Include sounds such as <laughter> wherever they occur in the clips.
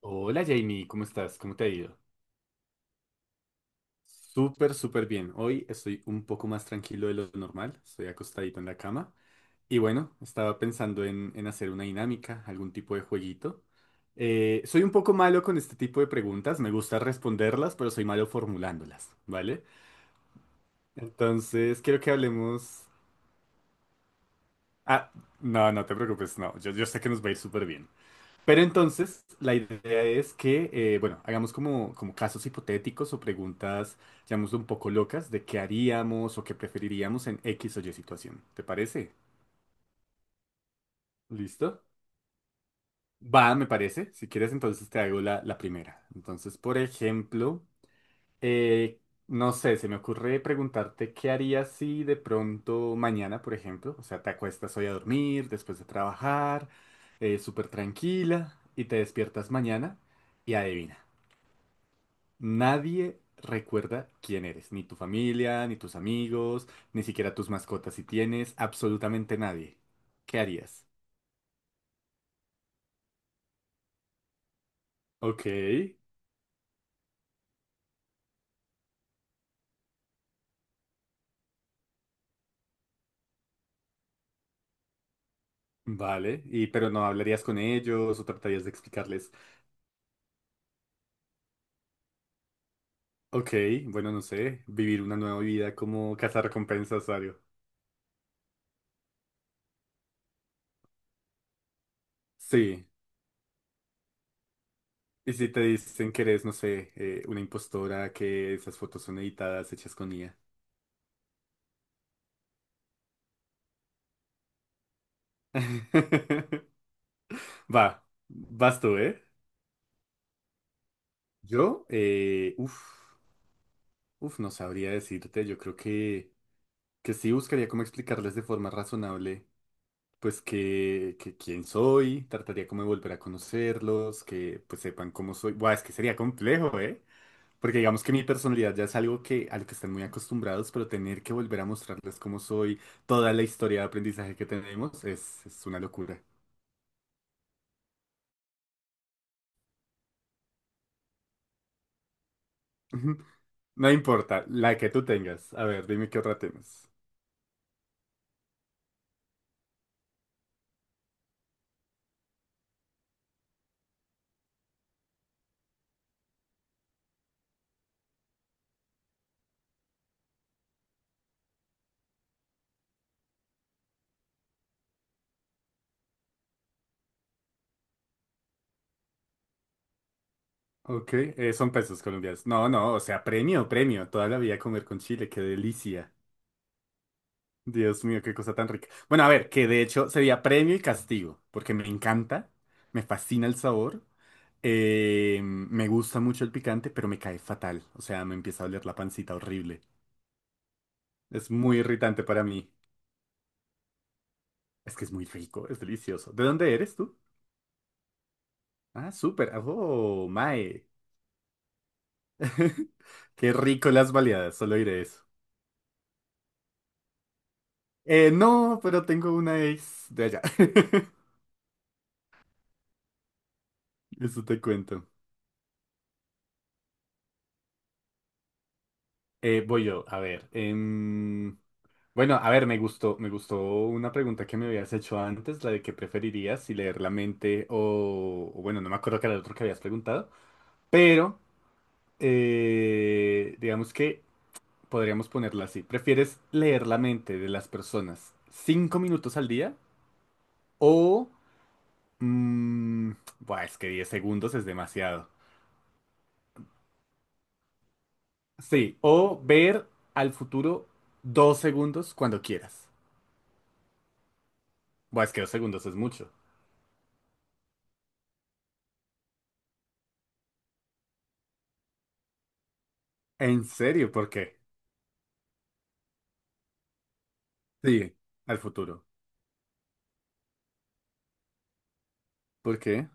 Hola Jamie, ¿cómo estás? ¿Cómo te ha ido? Súper, súper bien. Hoy estoy un poco más tranquilo de lo normal. Estoy acostadito en la cama. Y bueno, estaba pensando en hacer una dinámica, algún tipo de jueguito. Soy un poco malo con este tipo de preguntas. Me gusta responderlas, pero soy malo formulándolas, ¿vale? Entonces, quiero que hablemos... Ah, no, no te preocupes, no. Yo sé que nos va a ir súper bien. Pero entonces la idea es que, bueno, hagamos como casos hipotéticos o preguntas, digamos, un poco locas de qué haríamos o qué preferiríamos en X o Y situación. ¿Te parece? ¿Listo? Va, me parece. Si quieres, entonces te hago la primera. Entonces, por ejemplo, eh, no sé, se me ocurre preguntarte qué harías si de pronto mañana, por ejemplo, o sea, te acuestas hoy a dormir después de trabajar, súper tranquila, y te despiertas mañana y adivina. Nadie recuerda quién eres, ni tu familia, ni tus amigos, ni siquiera tus mascotas si tienes, absolutamente nadie. ¿Qué harías? Ok, vale, y pero no hablarías con ellos o tratarías de explicarles, ok, bueno, no sé, vivir una nueva vida como recompensas, Ario. Sí, y si te dicen que eres, no sé, una impostora, que esas fotos son editadas, hechas con IA. <laughs> Va, vas tú, ¿eh? Yo, uff. Uf, no sabría decirte, yo creo que sí buscaría como explicarles de forma razonable, pues que quién soy, trataría como de volver a conocerlos, que pues sepan cómo soy. Buah, es que sería complejo, ¿eh? Porque digamos que mi personalidad ya es algo que, a lo que están muy acostumbrados, pero tener que volver a mostrarles cómo soy, toda la historia de aprendizaje que tenemos, es una locura. <laughs> No importa, la que tú tengas. A ver, dime qué otra temas. Ok, son pesos colombianos. No, no, o sea, premio, premio. Toda la vida comer con chile, qué delicia. Dios mío, qué cosa tan rica. Bueno, a ver, que de hecho sería premio y castigo, porque me encanta, me fascina el sabor, me gusta mucho el picante, pero me cae fatal. O sea, me empieza a oler la pancita horrible. Es muy irritante para mí. Es que es muy rico, es delicioso. ¿De dónde eres tú? Ah, súper. Oh, mae. <laughs> Qué rico las baleadas, solo diré eso. No, pero tengo una ex de allá. <laughs> Eso te cuento. Voy yo, a ver. Bueno, a ver, me gustó una pregunta que me habías hecho antes, la de qué preferirías, si leer la mente o bueno, no me acuerdo qué era el otro que habías preguntado, pero digamos que podríamos ponerla así. ¿Prefieres leer la mente de las personas 5 minutos al día o mm, buah, es que 10 segundos es demasiado? Sí, o ver al futuro 2 segundos cuando quieras. Buah, es que 2 segundos es mucho. ¿En serio? ¿Por qué? Sí, al futuro. ¿Por qué?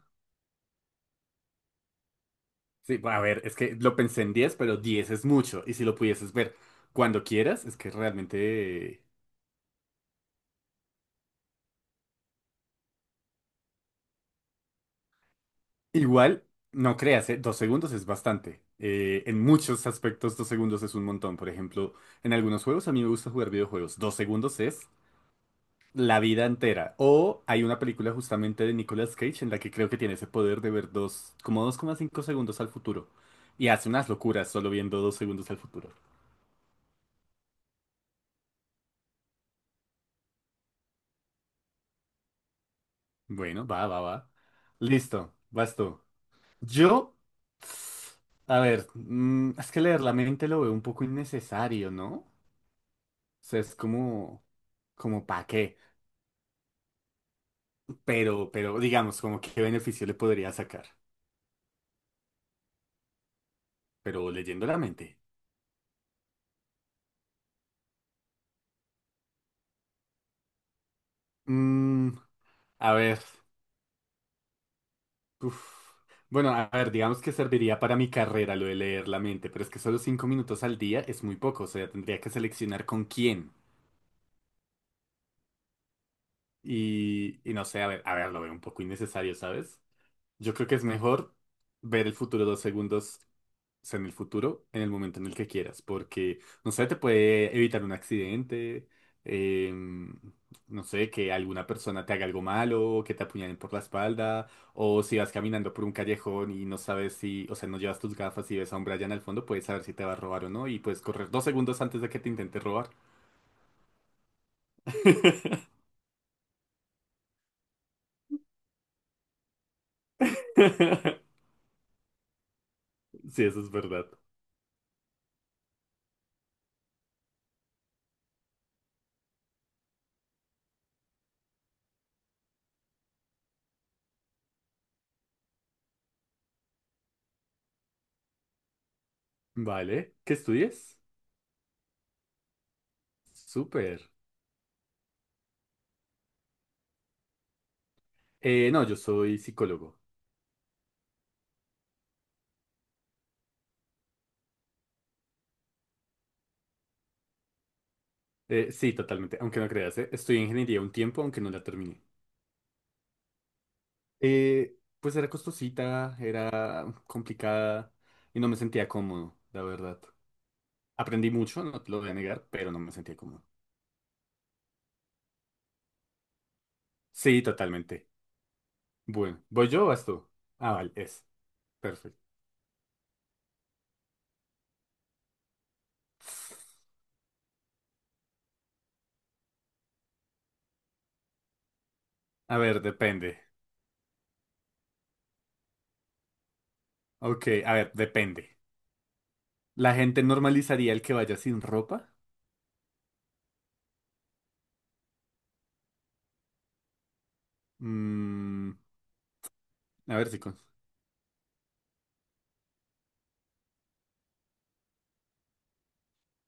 Sí, a ver, es que lo pensé en 10, pero 10 es mucho. Y si lo pudieses ver cuando quieras, es que realmente... Igual, no creas, ¿eh? 2 segundos es bastante. En muchos aspectos, 2 segundos es un montón. Por ejemplo, en algunos juegos, a mí me gusta jugar videojuegos. 2 segundos es la vida entera. O hay una película justamente de Nicolas Cage en la que creo que tiene ese poder de ver como 2,5 segundos al futuro. Y hace unas locuras solo viendo 2 segundos al futuro. Bueno, va, va, va. Listo, vas tú. Yo, a ver, es que leer la mente lo veo un poco innecesario, ¿no? O sea, es como ¿para qué? Digamos, como qué beneficio le podría sacar. Pero leyendo la mente. Mm, a ver. Uf. Bueno, a ver, digamos que serviría para mi carrera lo de leer la mente, pero es que solo 5 minutos al día es muy poco, o sea, tendría que seleccionar con quién. Y no sé, a ver, lo veo un poco innecesario, ¿sabes? Yo creo que es mejor ver el futuro 2 segundos. O sea, en el futuro, en el momento en el que quieras, porque, no sé, te puede evitar un accidente, em, no sé, que alguna persona te haga algo malo, que te apuñalen por la espalda, o si vas caminando por un callejón y no sabes si, o sea, no llevas tus gafas y ves a un Brian al fondo, puedes saber si te va a robar o no y puedes correr 2 segundos antes de que te intente robar. <laughs> Sí, eso es verdad. Vale, ¿qué estudias? Súper. No, yo soy psicólogo. Sí, totalmente, aunque no creas, estudié ingeniería un tiempo, aunque no la terminé. Pues era costosita, era complicada y no me sentía cómodo, la verdad. Aprendí mucho, no te lo voy a negar, pero no me sentía cómodo. Sí, totalmente. Bueno, ¿voy yo o vas tú? Ah, vale, es. Perfecto. A ver, depende. Ok, a ver, depende. ¿La gente normalizaría el que vaya sin ropa? Mm, a ver si... con...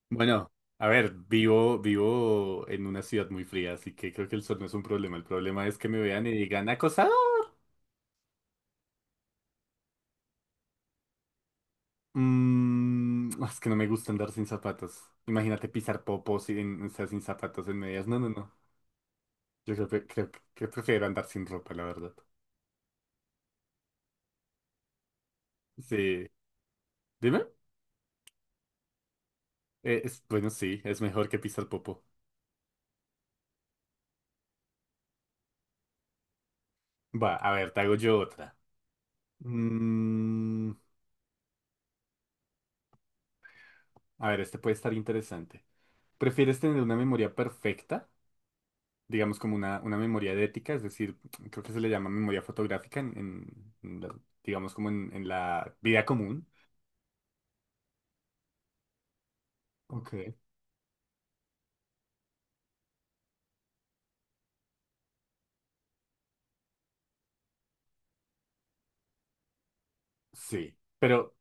Bueno, a ver, vivo, vivo en una ciudad muy fría, así que creo que el sol no es un problema. El problema es que me vean y digan, acosador. Mm, <laughs> es que no me gusta andar sin zapatos. Imagínate pisar popos sin, o sea, sin zapatos en medias. No, no, no. Yo creo que, creo que prefiero andar sin ropa, la verdad. Sí. Dime. Bueno, sí, es mejor que pisar popo. Va, a ver, te hago yo otra. Mm, a ver, este puede estar interesante. ¿Prefieres tener una memoria perfecta? Digamos, como una memoria de ética, es decir, creo que se le llama memoria fotográfica digamos, como en la vida común. Ok. Sí, pero,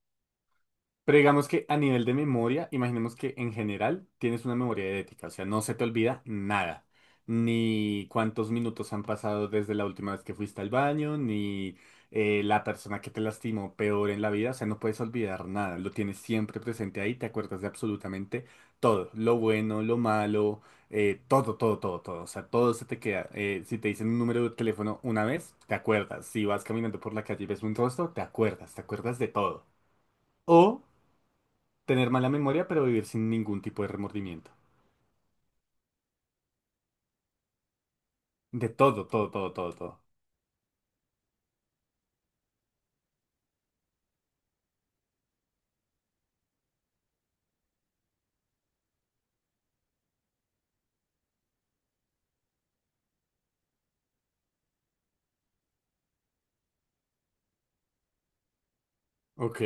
Digamos que a nivel de memoria, imaginemos que en general tienes una memoria ética, o sea, no se te olvida nada, ni cuántos minutos han pasado desde la última vez que fuiste al baño, ni la persona que te lastimó peor en la vida, o sea, no puedes olvidar nada, lo tienes siempre presente ahí, te acuerdas de absolutamente todo, lo bueno, lo malo, todo, todo, todo, todo, o sea, todo se te queda. Si te dicen un número de teléfono una vez, te acuerdas, si vas caminando por la calle y ves un rostro, te acuerdas de todo. O tener mala memoria, pero vivir sin ningún tipo de remordimiento. De todo, todo, todo, todo, todo. Ok,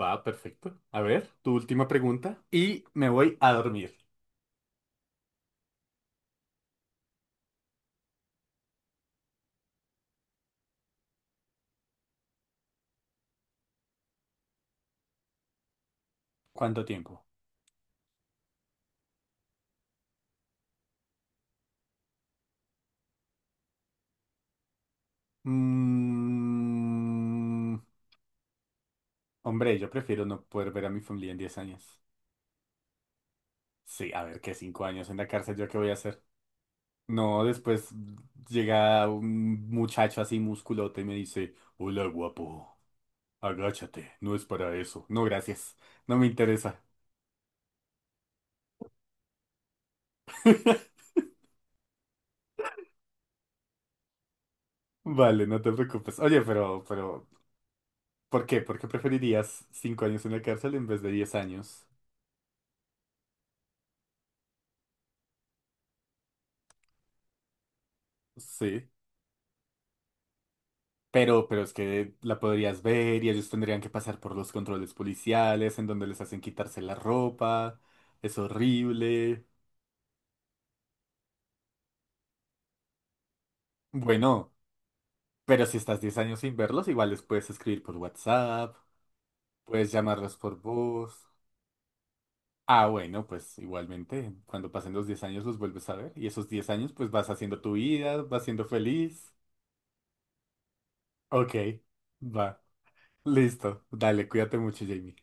va, perfecto. A ver, tu última pregunta. Y me voy a dormir. ¿Cuánto tiempo? Mm, hombre, yo prefiero no poder ver a mi familia en 10 años. Sí, a ver, que 5 años en la cárcel, ¿yo qué voy a hacer? No, después llega un muchacho así musculote y me dice, hola guapo, agáchate, no es para eso. No, gracias, no me interesa. <laughs> Vale, no te preocupes. Oye, ¿por qué? ¿Por qué preferirías 5 años en la cárcel en vez de 10 años? Sí. Pero es que la podrías ver y ellos tendrían que pasar por los controles policiales, en donde les hacen quitarse la ropa. Es horrible. Bueno, pero si estás 10 años sin verlos, igual les puedes escribir por WhatsApp, puedes llamarlos por voz. Ah, bueno, pues igualmente, cuando pasen los 10 años los vuelves a ver y esos 10 años pues vas haciendo tu vida, vas siendo feliz. Ok, va. Listo. Dale, cuídate mucho, Jamie.